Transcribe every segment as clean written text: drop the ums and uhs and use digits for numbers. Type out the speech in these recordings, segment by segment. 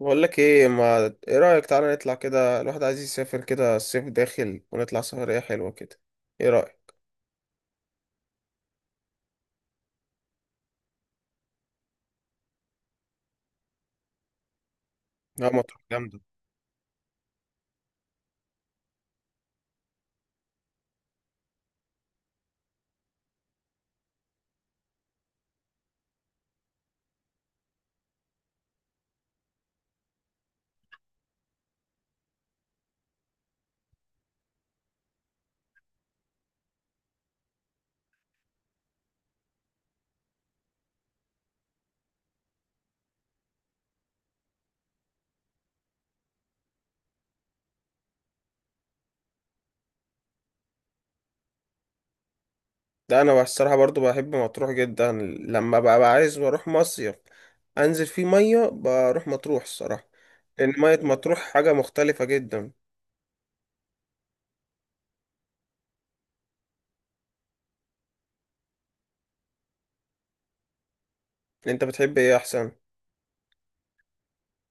بقول لك ايه، ما ايه رأيك، تعالى نطلع كده. الواحد عايز يسافر كده، الصيف داخل، ونطلع سفرية حلوة كده. ايه رأيك؟ لا، مطروح جامدة. ده انا الصراحة برضو بحب مطروح جدا. لما بقى عايز بروح مصيف انزل فيه مية، بروح مطروح الصراحة. لان مية مطروح حاجة مختلفة جدا. انت بتحب ايه احسن؟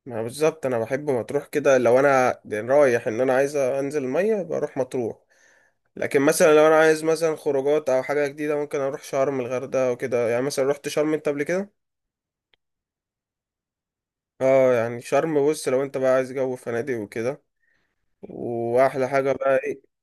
ما بالظبط انا بحب مطروح. كده لو انا يعني رايح ان انا عايز انزل المية بروح مطروح. لكن مثلا لو انا عايز مثلا خروجات او حاجه جديده ممكن اروح شرم، الغردقه وكده. يعني مثلا رحت شرم انت قبل كده؟ اه، يعني شرم بص لو انت بقى عايز جو فنادق وكده، واحلى حاجه بقى ايه؟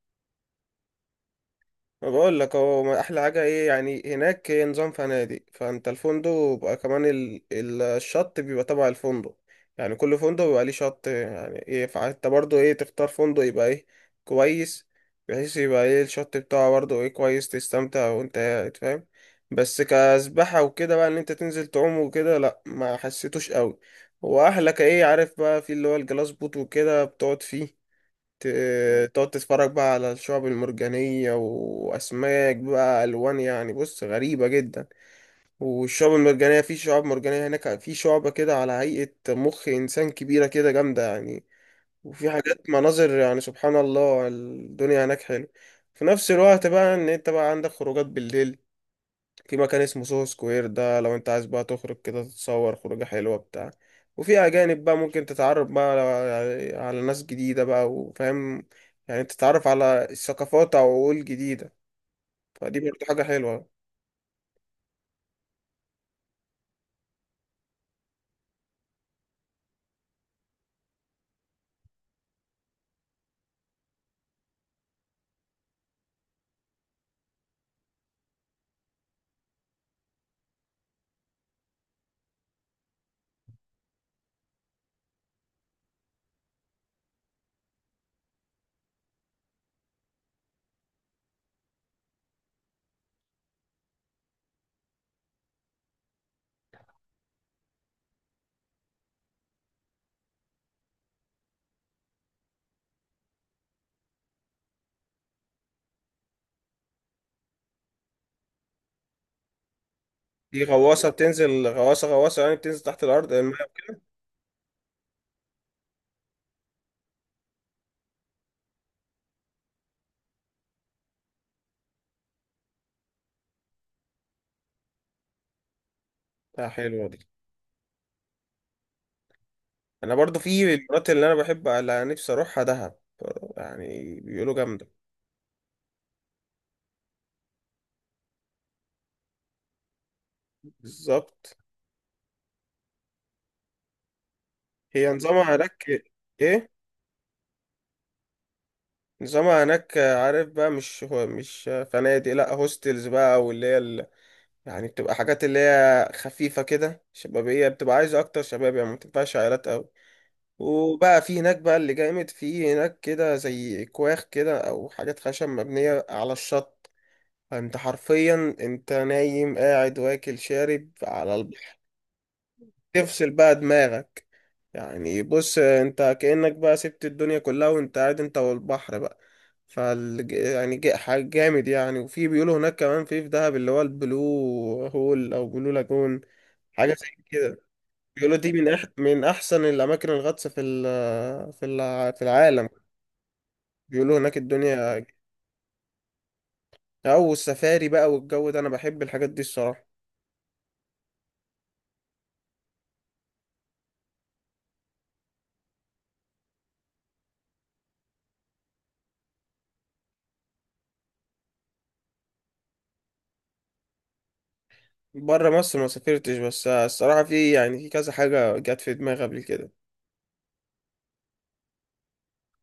ما بقول لك هو ما احلى حاجه ايه، يعني هناك هي نظام فنادق، فانت الفندق بيبقى كمان الشط بيبقى تبع الفندق. يعني كل فندق بيبقى ليه شط، يعني ايه، فانت برضو ايه، تختار فندق يبقى ايه، كويس، بحيث يبقى ايه الشط بتاعه برضو ايه، كويس تستمتع وانت قاعد فاهم. بس كسباحه وكده بقى ان انت تنزل تعوم وكده، لا ما حسيتوش قوي. واحلى كايه عارف بقى في اللي هو الجلاس بوت، وكده بتقعد فيه، تقعد تتفرج بقى على الشعب المرجانية وأسماك بقى، ألوان يعني بص غريبة جدا. والشعب المرجانية، في شعاب مرجانية هناك، في شعبة كده على هيئة مخ إنسان كبيرة كده جامدة يعني. وفي حاجات مناظر يعني سبحان الله، الدنيا هناك حلو. في نفس الوقت بقى إن أنت بقى عندك خروجات بالليل. في مكان اسمه سوهو سكوير، ده لو انت عايز بقى تخرج كده تتصور خروجة حلوة بتاع. وفي أجانب بقى ممكن تتعرف بقى على على ناس جديدة بقى وفاهم. يعني تتعرف على الثقافات أو عقول جديدة، فدي برضه حاجة حلوة. دي غواصة بتنزل، غواصة غواصة يعني بتنزل تحت الأرض المية، بتاعها حلوة دي. أنا برضه في المرات اللي أنا بحب اللي نفسي أروحها دهب، يعني بيقولوا جامدة. بالظبط. هي نظامها هناك. إيه؟ نظامها هناك عارف بقى، مش هو مش فنادق، لا هوستلز بقى، او اللي هي ال... يعني بتبقى حاجات اللي هي خفيفة كده شبابية، بتبقى عايزة اكتر شباب، يعني ما بتنفعش عائلات قوي. وبقى في هناك بقى اللي جامد في هناك كده زي كواخ كده او حاجات خشب مبنية على الشط. انت حرفيا انت نايم قاعد واكل شارب على البحر. تفصل بقى دماغك، يعني بص انت كأنك بقى سبت الدنيا كلها وانت قاعد انت والبحر بقى. فال يعني حاجة جامد يعني. وفي بيقولوا هناك كمان في دهب اللي هو البلو هول او بلو لاجون، حاجة زي كده. بيقولوا دي من من احسن الاماكن الغطس في في العالم. بيقولوا هناك الدنيا، او السفاري بقى والجو ده، انا بحب الحاجات دي الصراحة. بره مصر ما سافرتش، بس الصراحة في يعني في كذا حاجة جت في دماغي قبل كده.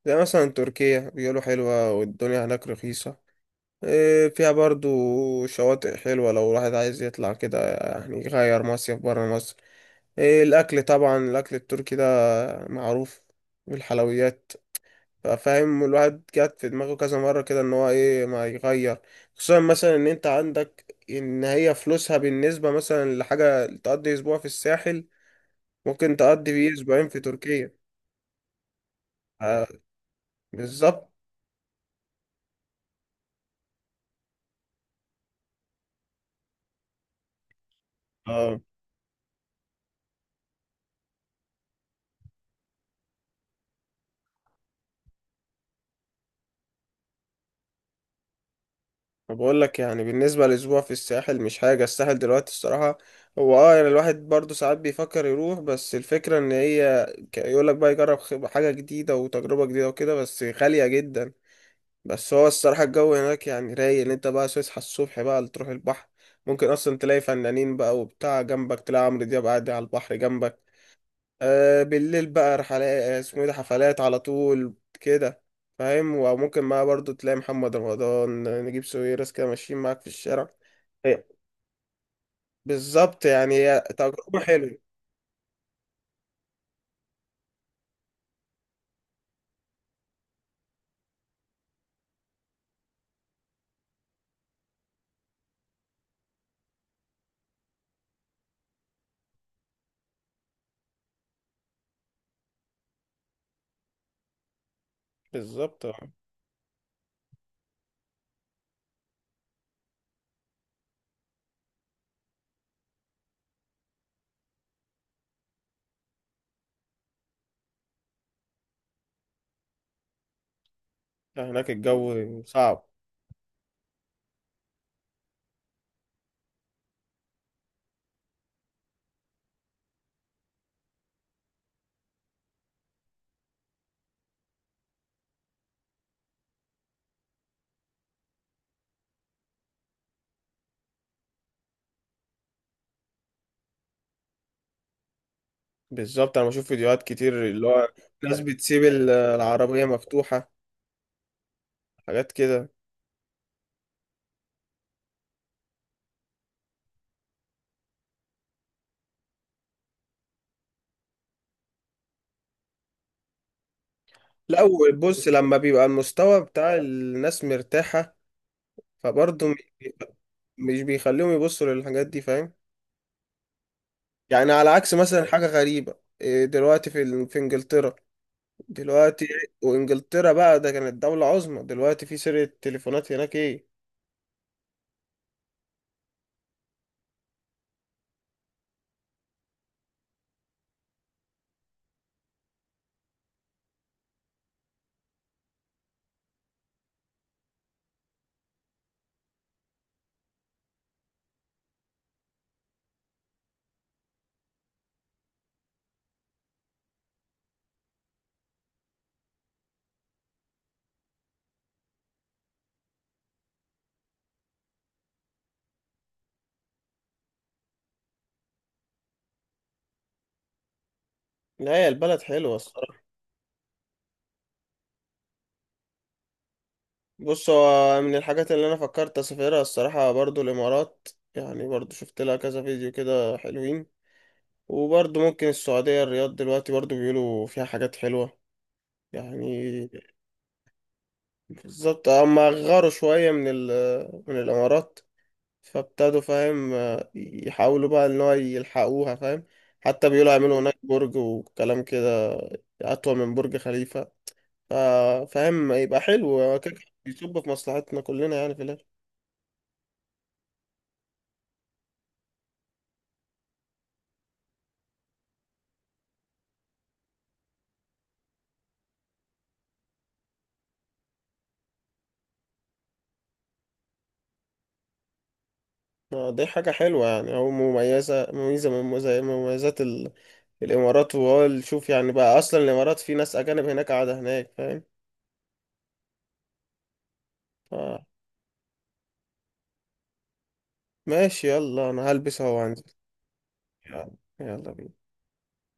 زي مثلا تركيا، بيقولوا حلوة والدنيا هناك رخيصة. فيها برضو شواطئ حلوة لو الواحد عايز يطلع كده، يعني يغير مصيف برا مصر. الأكل طبعا، الأكل التركي ده معروف، والحلويات. فاهم، الواحد جات في دماغه كذا مرة كده إن هو إيه ما يغير، خصوصا مثلا إن أنت عندك إن هي فلوسها بالنسبة مثلا لحاجة تقضي أسبوع في الساحل ممكن تقضي بيه أسبوعين في تركيا. آه، بالظبط. بقول لك يعني بالنسبة لأسبوع في الساحل، مش حاجة الساحل دلوقتي الصراحة. هو اه يعني الواحد برضه ساعات بيفكر يروح، بس الفكرة ان هي يقول لك بقى يجرب حاجة جديدة وتجربة جديدة وكده، بس غالية جدا. بس هو الصراحة الجو هناك يعني رايق، ان انت بقى تصحى الصبح بقى تروح البحر، ممكن اصلا تلاقي فنانين بقى وبتاع، جنبك تلاقي عمرو دياب قاعد على البحر جنبك. آه بالليل بقى رحلات، اسمه ايه ده، حفلات على طول كده. فاهم، وممكن معاه برضو تلاقي محمد رمضان، نجيب ساويرس كده ماشيين معاك في الشارع. إيه. بالظبط، يعني هي تجربة حلوة. بالظبط آه. يعني هناك الجو صعب. بالظبط، انا بشوف فيديوهات كتير، اللي هو ناس بتسيب العربية مفتوحة، حاجات كده. لا بص، لما بيبقى المستوى بتاع الناس مرتاحة، فبرضه مش بيخليهم يبصوا للحاجات دي فاهم. يعني على عكس مثلا، حاجة غريبة إيه دلوقتي في في انجلترا دلوقتي. وانجلترا بقى ده كانت دولة عظمى، دلوقتي في سرقة تليفونات هناك ايه. لا هي البلد حلوة الصراحة. بص، هو من الحاجات اللي انا فكرت اسافرها الصراحة برضو الامارات. يعني برضو شفت لها كذا فيديو كده حلوين. وبرضو ممكن السعودية، الرياض دلوقتي برضو بيقولوا فيها حاجات حلوة يعني. بالظبط، اما غاروا شوية من من الامارات، فابتدوا فاهم يحاولوا بقى ان هو يلحقوها فاهم. حتى بيقولوا هيعملوا هناك برج وكلام كده، اطول من برج خليفة. فاهم، يبقى حلو هو كده كده بيصب في مصلحتنا كلنا يعني في الاخر. آه، دي حاجة حلوة يعني، أو مميزة، مميزة من مميزات الإمارات. وهو شوف يعني بقى أصلا الإمارات في ناس أجانب هناك قاعدة هناك فاهم. ف- ماشي، يلا أنا هلبس أهو وهنزل. يلا. يلا بينا.